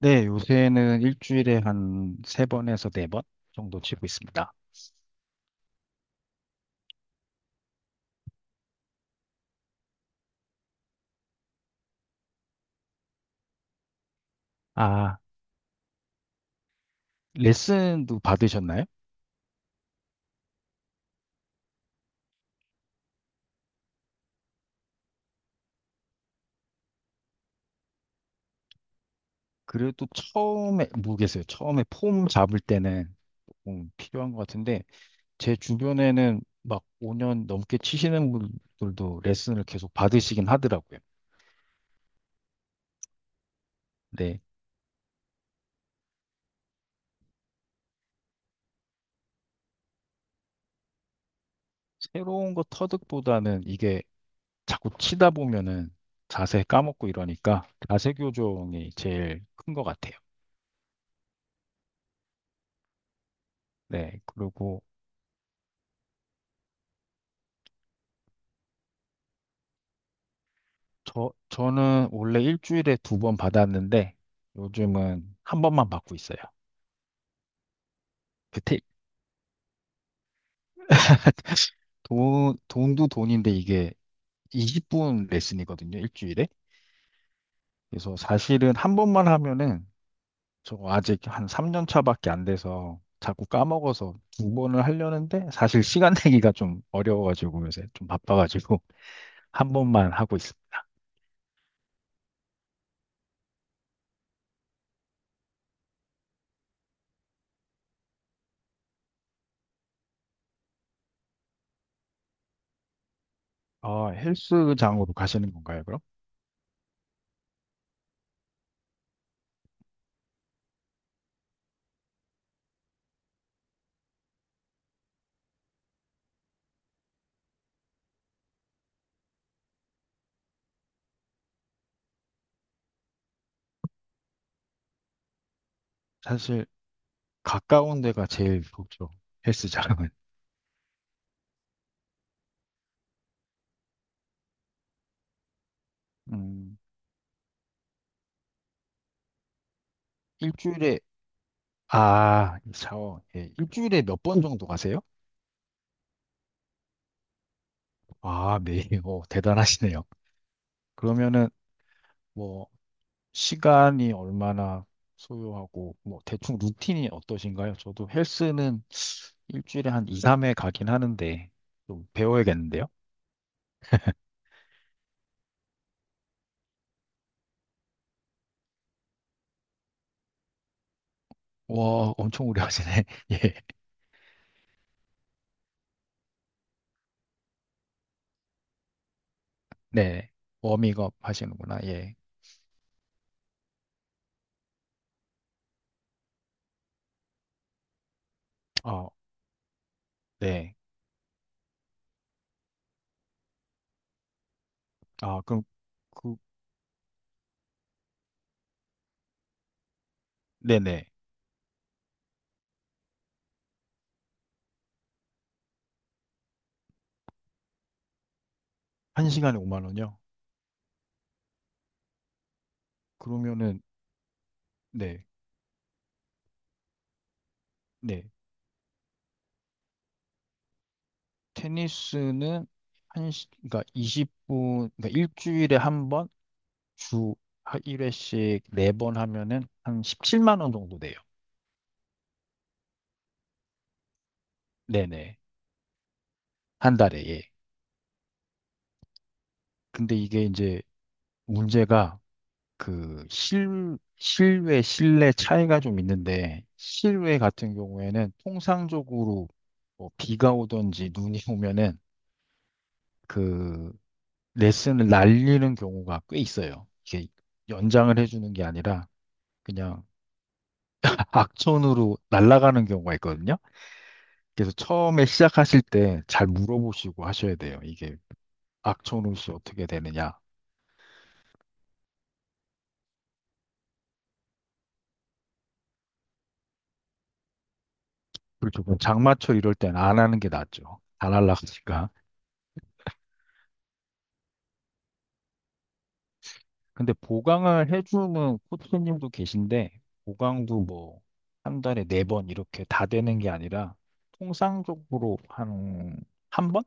네, 요새는 일주일에 한 세 번에서 네 번 정도 치고 있습니다. 아, 레슨도 받으셨나요? 그래도 처음에, 모르겠어요. 처음에 폼 잡을 때는 조금 필요한 것 같은데, 제 주변에는 막 5년 넘게 치시는 분들도 레슨을 계속 받으시긴 하더라고요. 네, 새로운 거 터득보다는 이게 자꾸 치다 보면은 자세 까먹고 이러니까 자세 교정이 제일 큰 것 같아요. 네, 그리고 저는 원래 일주일에 두 번 받았는데 요즘은 한 번만 받고 있어요. 그 테, 돈도 돈인데 이게 20분 레슨이거든요, 일주일에. 그래서 사실은 한 번만 하면은 저거 아직 한 3년 차밖에 안 돼서 자꾸 까먹어서 두 번을 하려는데 사실 시간 내기가 좀 어려워가지고 요새 좀 바빠가지고 한 번만 하고 있습니다. 아, 헬스장으로 가시는 건가요, 그럼? 사실 가까운 데가 제일 좋죠, 헬스장은. 음, 일주일에 아, 샤워. 예, 일주일에 몇 번 정도 가세요? 아, 매일. 오, 대단하시네요. 그러면은 뭐 시간이 얼마나 소요하고 뭐 대충 루틴이 어떠신가요? 저도 헬스는 일주일에 한 2, 3회 가긴 하는데 좀 배워야겠는데요. 와, 엄청 오래 하시네. 예. 네. 워밍업 하시는구나. 예. 아, 네. 아, 그럼 그 네네. 한 시간에 5만 원이요? 그러면은 네. 네. 테니스는 한 시, 그러니까 20분, 그러니까 일주일에 한 번, 주 1회씩 4번 하면은 한 17만 원 정도 돼요. 네네. 한 달에, 예. 근데 이게 이제 문제가 그 실, 실외, 실내 차이가 좀 있는데, 실외 같은 경우에는 통상적으로 뭐 비가 오든지 눈이 오면은 그 레슨을 날리는 경우가 꽤 있어요. 이게 연장을 해주는 게 아니라 그냥 악천후로 날아가는 경우가 있거든요. 그래서 처음에 시작하실 때 잘 물어보시고 하셔야 돼요. 이게 악천후 시 어떻게 되느냐. 그렇죠. 그럼 장마철 이럴 땐 안 하는 게 낫죠. 다 날아가니까. 근데 보강을 해주는 코치님도 계신데 보강도 뭐 한 달에 네 번 이렇게 다 되는 게 아니라 통상적으로 한 한 번?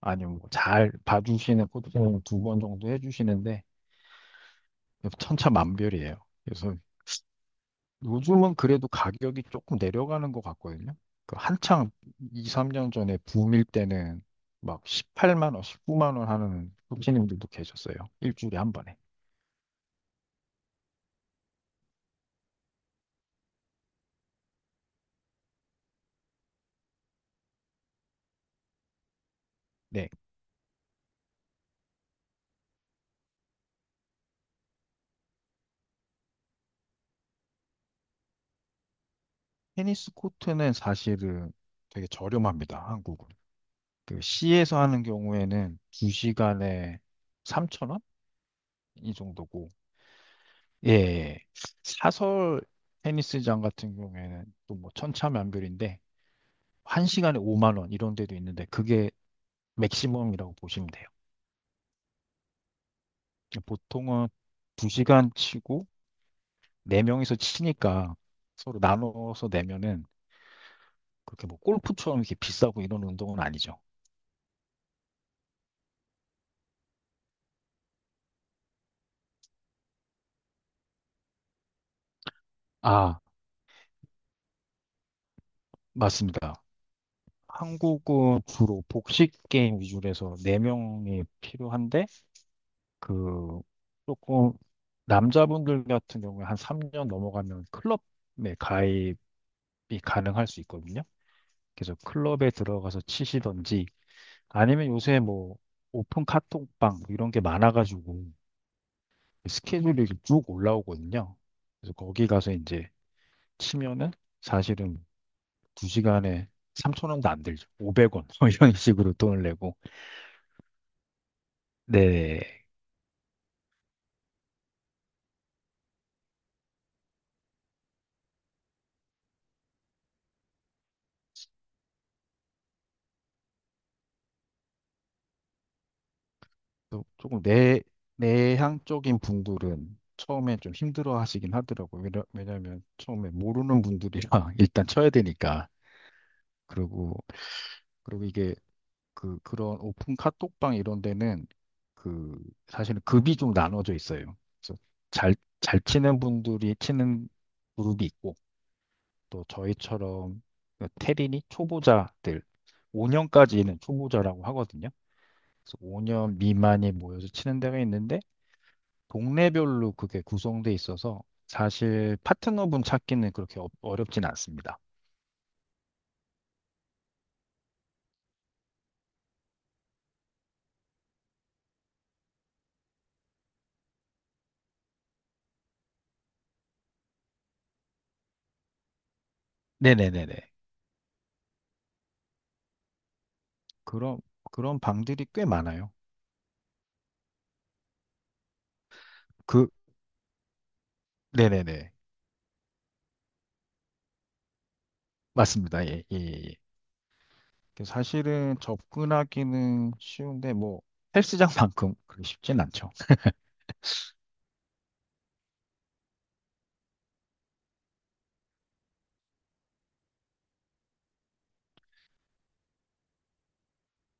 아니면 뭐잘 봐주시는 코치님 두 번 정도 해주시는데 천차만별이에요. 그래서 요즘은 그래도 가격이 조금 내려가는 것 같거든요. 그 한창 2, 3년 전에 붐일 때는 막 18만 원, 19만 원 하는 소비자님들도 계셨어요. 일주일에 한 번에. 네. 테니스 코트는 사실은 되게 저렴합니다. 한국은. 그 C에서 하는 경우에는 2시간에 3천 원? 이 정도고. 예. 예. 예. 사설 테니스장 같은 경우에는 또 뭐 천차만별인데 1시간에 5만 원 이런 데도 있는데 그게 맥시멈이라고 보시면 돼요. 보통은 2시간 치고 4명이서 치니까 서로 나눠서 내면은 그렇게 뭐 골프처럼 이렇게 비싸고 이런 운동은 아니죠. 아, 맞습니다. 한국은 주로 복식 게임 위주로 해서 4명이 필요한데 그 조금 남자분들 같은 경우에 한 3년 넘어가면 클럽에 가입이 가능할 수 있거든요. 그래서 클럽에 들어가서 치시던지 아니면 요새 뭐 오픈 카톡방 뭐 이런 게 많아가지고 그 스케줄이 이렇게 쭉 올라오거든요. 그래서 거기 가서 이제 치면은 사실은 두시간에 3,000원도 안 들죠. 500원 이런 식으로 돈을 내고 네. 또 조금 내 내향적인 분들은 처음에 좀 힘들어 하시긴 하더라고요. 왜냐면 처음에 모르는 분들이랑 일단 쳐야 되니까. 그리고 그리고 이게 그런 오픈 카톡방 이런 데는 그 사실은 급이 좀 나눠져 있어요. 그래서 잘 잘 치는 분들이 치는 그룹이 있고 또 저희처럼 그 테린이 초보자들 5년까지는 초보자라고 하거든요. 그래서 5년 미만이 모여서 치는 데가 있는데 동네별로 그게 구성돼 있어서 사실 파트너분 찾기는 그렇게 어, 어렵진 않습니다. 네네네네. 그런 그런 방들이 꽤 많아요. 그 네네네. 맞습니다. 예, 예, 예. 이게 사실은 접근하기는 쉬운데 뭐 헬스장만큼 그리 쉽진 않죠.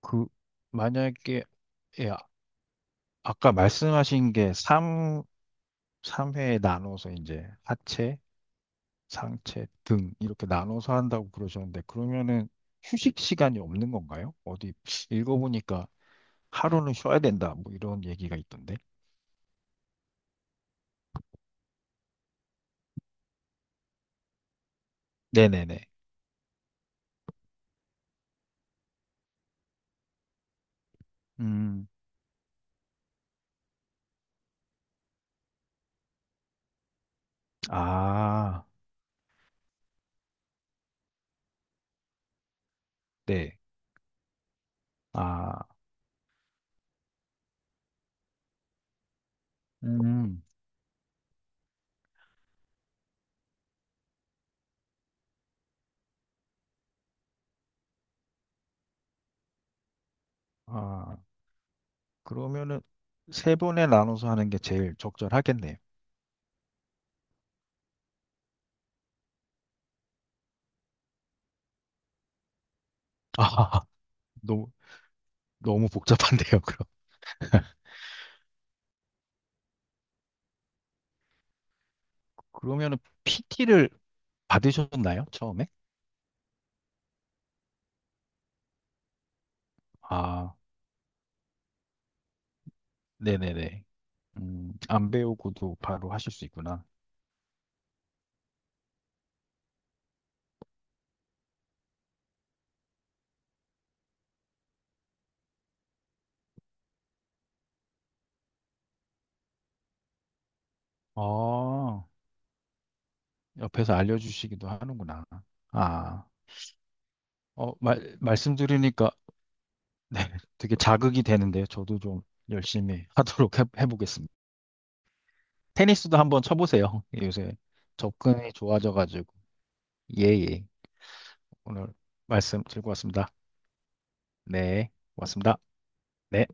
그 만약에 예, 아- 아까 말씀하신 게 삼회에 나눠서 이제 하체, 상체, 등 이렇게 나눠서 한다고 그러셨는데 그러면은 휴식 시간이 없는 건가요? 어디 읽어보니까 하루는 쉬어야 된다 뭐 이런 얘기가 있던데. 네네네. 음, 아, 네. 아, 음, 아, 그러면은 세 번에 나눠서 하는 게 제일 적절하겠네요. 아, 너무, 너무 복잡한데요, 그럼. 그러면은 PT를 받으셨나요? 처음에? 아, 네네네. 안 배우고도 바로 하실 수 있구나. 아, 옆에서 알려주시기도 하는구나. 아, 어, 말씀 드리니까 네, 되게 자극이 되는데요. 저도 좀 열심히 하도록 해보겠습니다. 테니스도 한번 쳐보세요. 요새 접근이 좋아져가지고. 예, 예. 오늘 말씀 즐거웠습니다. 네, 고맙습니다. 네.